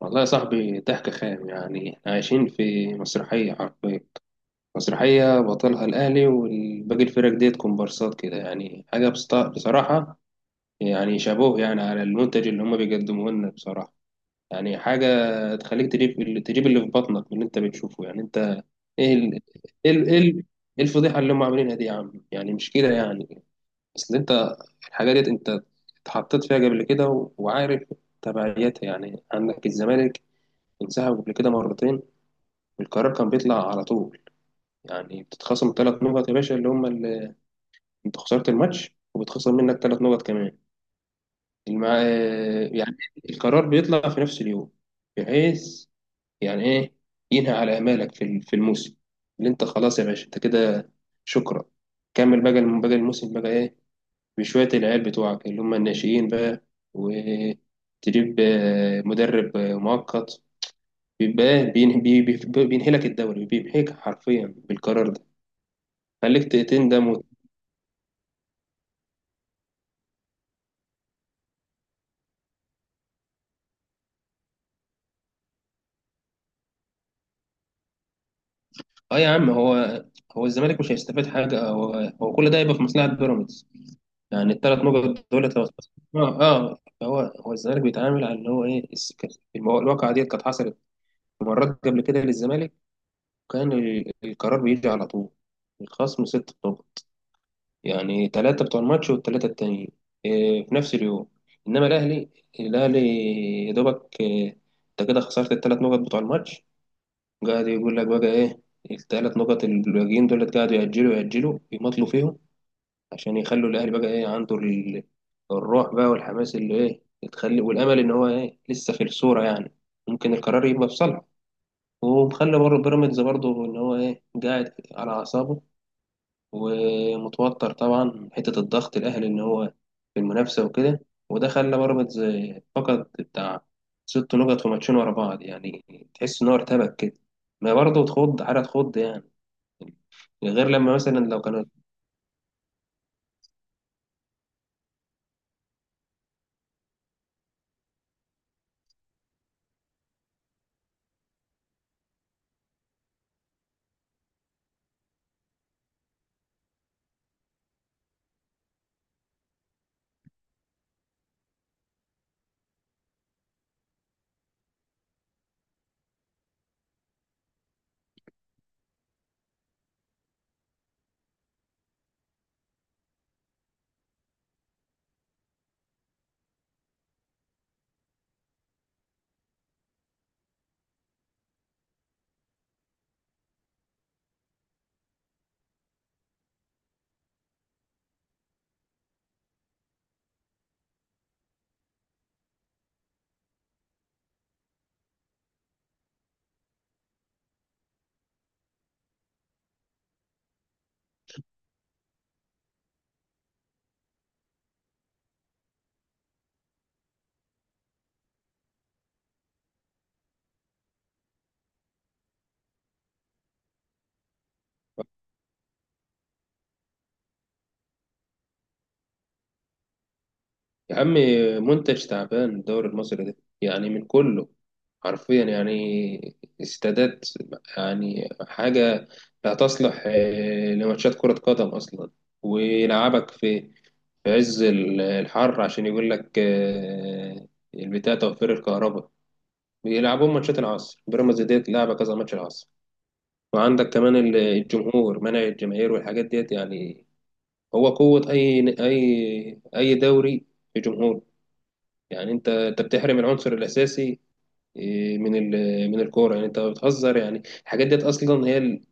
والله يا صاحبي ضحك خام، يعني احنا عايشين في مسرحية حرفيا. مسرحية بطلها الأهلي والباقي الفرق ديت كومبارسات كده. يعني حاجة بصراحة يعني شابوه يعني على المنتج اللي هما بيقدموه لنا بصراحة. يعني حاجة تخليك تجيب اللي في بطنك من اللي انت بتشوفه، يعني انت. ايه ال... ايه ال... ايه ال- إيه الفضيحة اللي هم عاملينها دي يا عم، يعني مش كده يعني. اصل انت الحاجة ديت، انت اتحطيت فيها قبل كده، وعارف تبعياتها. يعني عندك الزمالك انسحب قبل كده مرتين، القرار كان بيطلع على طول. يعني بتتخصم ثلاث نقط يا باشا، اللي هم اللي انت خسرت الماتش وبتخسر منك ثلاث نقط كمان. المع... آه، يعني القرار بيطلع في نفس اليوم، بحيث يعني ايه، ينهي على امالك في في الموسم. اللي انت خلاص يا باشا، انت كده شكرا، كمل بقى باقي الموسم بقى ايه، بشوية العيال بتوعك اللي هم الناشئين بقى، وتجيب مدرب مؤقت. بيبقى إيه؟ بينهي بينهي لك الدوري، بينهيك حرفيا بالقرار ده. خليك تندم اه يا عم. هو الزمالك مش هيستفاد حاجه، هو هو كل ده هيبقى في مصلحه بيراميدز. يعني الثلاث نقط دول لو اه اه. هو الزمالك بيتعامل على اللي هو ايه الواقعه ديت كانت حصلت مرات قبل كده للزمالك، كان القرار بيجي على طول، الخصم ست نقط. يعني ثلاثه بتوع الماتش والثلاثه التانيين إيه في نفس اليوم. انما الاهلي، الاهلي يا دوبك إيه، انت كده خسرت الثلاث نقط بتوع الماتش. قاعد يقول لك بقى ايه، الثلاث نقط اللي الباقيين دولت قاعدوا يأجلوا يأجلوا يمطلوا فيهم عشان يخلوا الاهلي بقى ايه عنده الروح بقى والحماس، اللي ايه تخلي، والامل ان هو ايه لسه في الصورة، يعني ممكن القرار يبقى في صالحه. ومخلي بيراميدز برضه ان هو ايه قاعد على اعصابه، ومتوتر طبعا من حتة الضغط الأهلي إن هو في المنافسة وكده. وده خلى بيراميدز فقد بتاع ست نقط في ماتشين ورا بعض، يعني تحس إن هو ارتبك كده. ما برضه تخض، حاجة تخض يعني، غير لما مثلا لو كان. يا عم، منتج تعبان الدوري المصري ده يعني من كله حرفيا. يعني استادات، يعني حاجة لا تصلح لماتشات كرة قدم أصلا. ويلعبك في في عز الحر عشان يقول لك البتاع توفير الكهرباء. بيلعبون ماتشات العصر، بيراميدز ديت لعبة كذا ماتش العصر. وعندك كمان الجمهور، منع الجماهير والحاجات ديت. يعني هو قوة أي أي أي دوري في جمهور. يعني أنت بتحرم العنصر الأساسي من من الكورة. يعني أنت بتهزر، يعني الحاجات ديت أصلا هي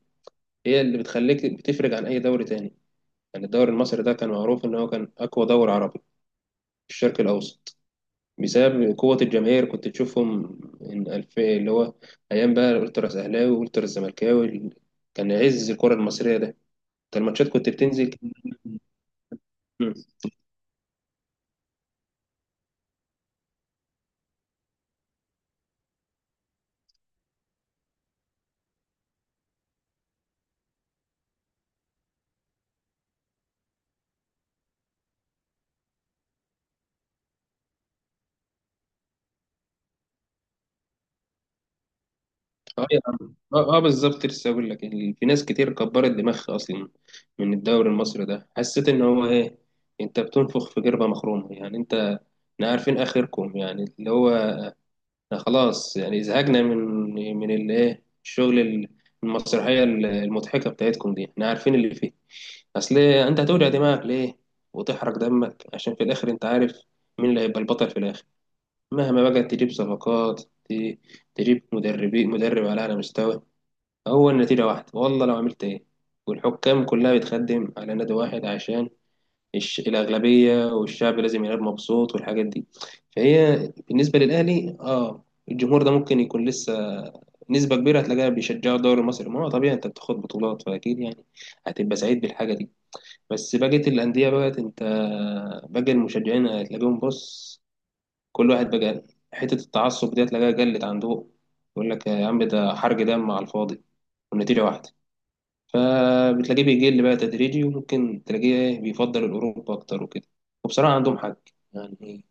هي اللي بتخليك بتفرق عن أي دوري تاني. يعني الدوري المصري ده كان معروف إن هو كان أقوى دوري عربي في الشرق الأوسط بسبب قوة الجماهير. كنت تشوفهم إن ألف اللي هو أيام بقى الألتراس أهلاوي والألتراس زملكاوي، كان عز الكرة المصرية ده. أنت الماتشات كنت بتنزل. مم. اه يا عم اه، آه بالظبط. لسه اقول لك في ناس كتير كبرت دماغها اصلا من الدوري المصري ده. حسيت ان هو ايه، انت بتنفخ في جربة مخرومة، يعني انت احنا عارفين اخركم، يعني اللي هو خلاص يعني زهقنا من من الايه الشغل المسرحيه المضحكه بتاعتكم دي، احنا عارفين اللي فيه. اصل إيه، انت هتوجع دماغك ليه وتحرق دمك عشان في الاخر انت عارف مين اللي هيبقى البطل في الاخر. مهما بقى تجيب صفقات، ت- تجيب مدربين، مدرب على اعلى مستوى، هو النتيجه واحده، والله لو عملت ايه. والحكام كلها بتخدم على نادي واحد عشان الأغلبية والشعب لازم يلعب مبسوط، والحاجات دي. فهي بالنسبة للأهلي اه، الجمهور ده ممكن يكون لسه نسبة كبيرة هتلاقيها بيشجعوا الدوري المصري. ما هو طبيعي، انت بتاخد بطولات فأكيد يعني هتبقى سعيد بالحاجة دي. بس بقية الأندية بقت انت، باقي المشجعين هتلاقيهم بص، كل واحد بقى حتة التعصب دي هتلاقيها قلت عنده. يقول لك يا عم ده حرق دم على الفاضي والنتيجة واحدة. فبتلاقيه بيقل بقى تدريجي، وممكن تلاقيه إيه بيفضل الأوروبا أكتر وكده. وبصراحة عندهم حق. يعني،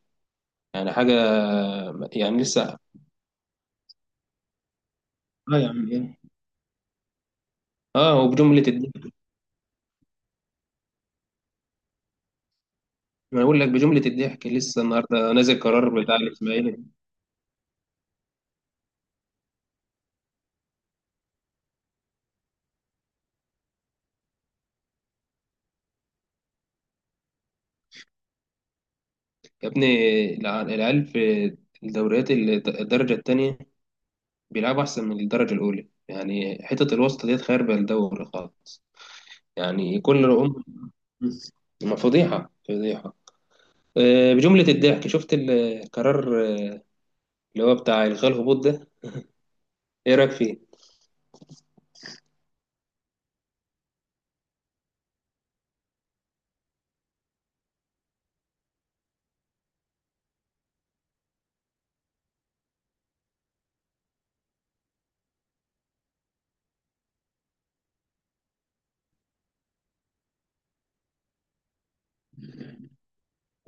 يعني حاجة. يعني لسه اه، يعني ايه، اه وبجملة الضحك. ما اقول لك بجملة الضحك، لسه النهارده نازل قرار بتاع الاسماعيلي. يا ابني العيال في الدوريات الدرجة التانية بيلعبوا أحسن من الدرجة الأولى. يعني حتة الوسط ديت خاربة الدوري خالص. يعني كل رقم، ما فضيحة فضيحة. بجملة الضحك. شفت القرار اللي هو بتاع إلغاء الهبوط ده؟ إيه رأيك فيه؟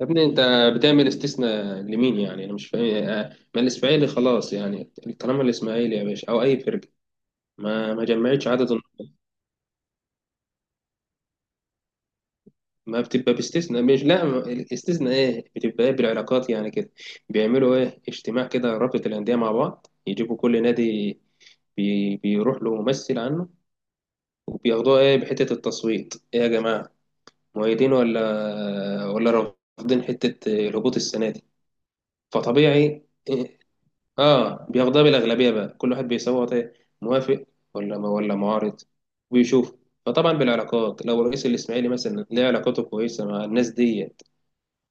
يا ابني أنت بتعمل استثناء لمين؟ يعني أنا مش فاهم ما الإسماعيلي خلاص يعني. طالما الإسماعيلي يا باشا أو أي فرقة ما ما بتبقى باستثناء. مش لا ما- الاستثناء إيه؟ بتبقى إيه بالعلاقات يعني كده. بيعملوا إيه اجتماع كده، رابطة الأندية مع بعض، يجيبوا كل نادي بيروح له ممثل عنه وبياخدوها ايه بحتة التصويت. ايه يا جماعة، مؤيدين ولا ولا رافضين حتة الهبوط السنة دي؟ فطبيعي اه، بياخدها بالاغلبيه بقى. كل واحد بيصوت ايه، موافق ولا ما ولا معارض، ويشوف. فطبعا بالعلاقات لو رئيس الاسماعيلي مثلا ليه علاقاته كويسه مع الناس ديت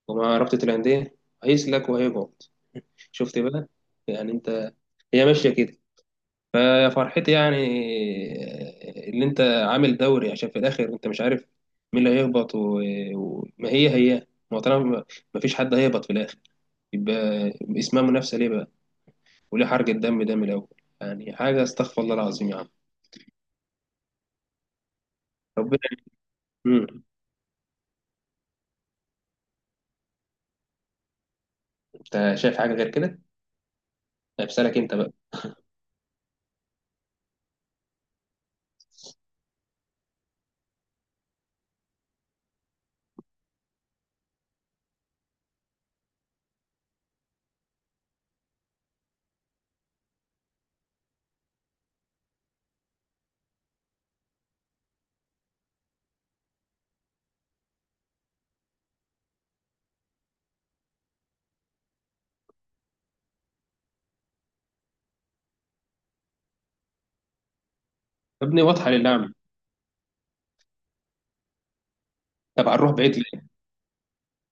ومع رابطه الانديه، هيسلك وهيقعد. شفت بقى، يعني انت هي ماشيه كده. فيا فرحتي يعني اللي انت عامل دوري، عشان في الاخر انت مش عارف مين اللي هيهبط وما هي ما هو طالما ما فيش حد هيهبط في الاخر، يبقى اسمها منافسه ليه بقى؟ وليه حرق الدم ده من الأول؟ يعني حاجة، استغفر الله العظيم يا عم. ربنا. مم. أنت شايف حاجة غير كده؟ أمثالك أنت بقى. يا ابني واضحة للعمى. طب هنروح بعيد ليه؟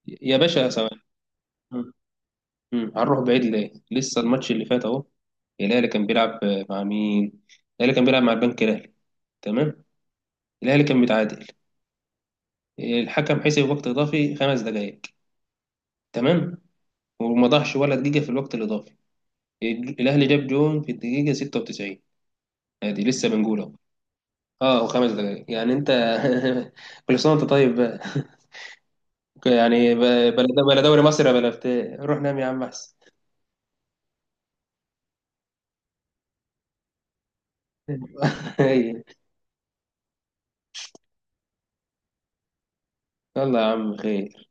يا باشا ثواني. مم. مم. هنروح بعيد ليه؟ لسه الماتش اللي فات أهو، الأهلي كان بيلعب مع مين؟ الأهلي كان بيلعب مع البنك الأهلي، تمام؟ الأهلي كان متعادل، الحكم حسب وقت إضافي خمس دقايق، تمام؟ وما ضاعش ولا دقيقة في الوقت الإضافي، الأهلي جاب جون في الدقيقة 96. ادي لسه بنقولها، اه وخمس دقايق يعني انت كل سنه وانت طيب بقى. يعني بلا بلا دوري مصر بلا بتاع، روح نام يا عم احسن. هي. يلا يا عم خير،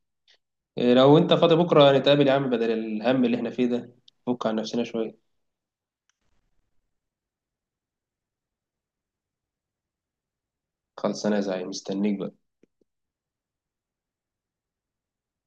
إيه، لو انت فاضي بكره نتقابل يا عم بدل الهم اللي احنا فيه ده، فك عن نفسنا شويه. خلص انا زعيم، مستنيك بقى.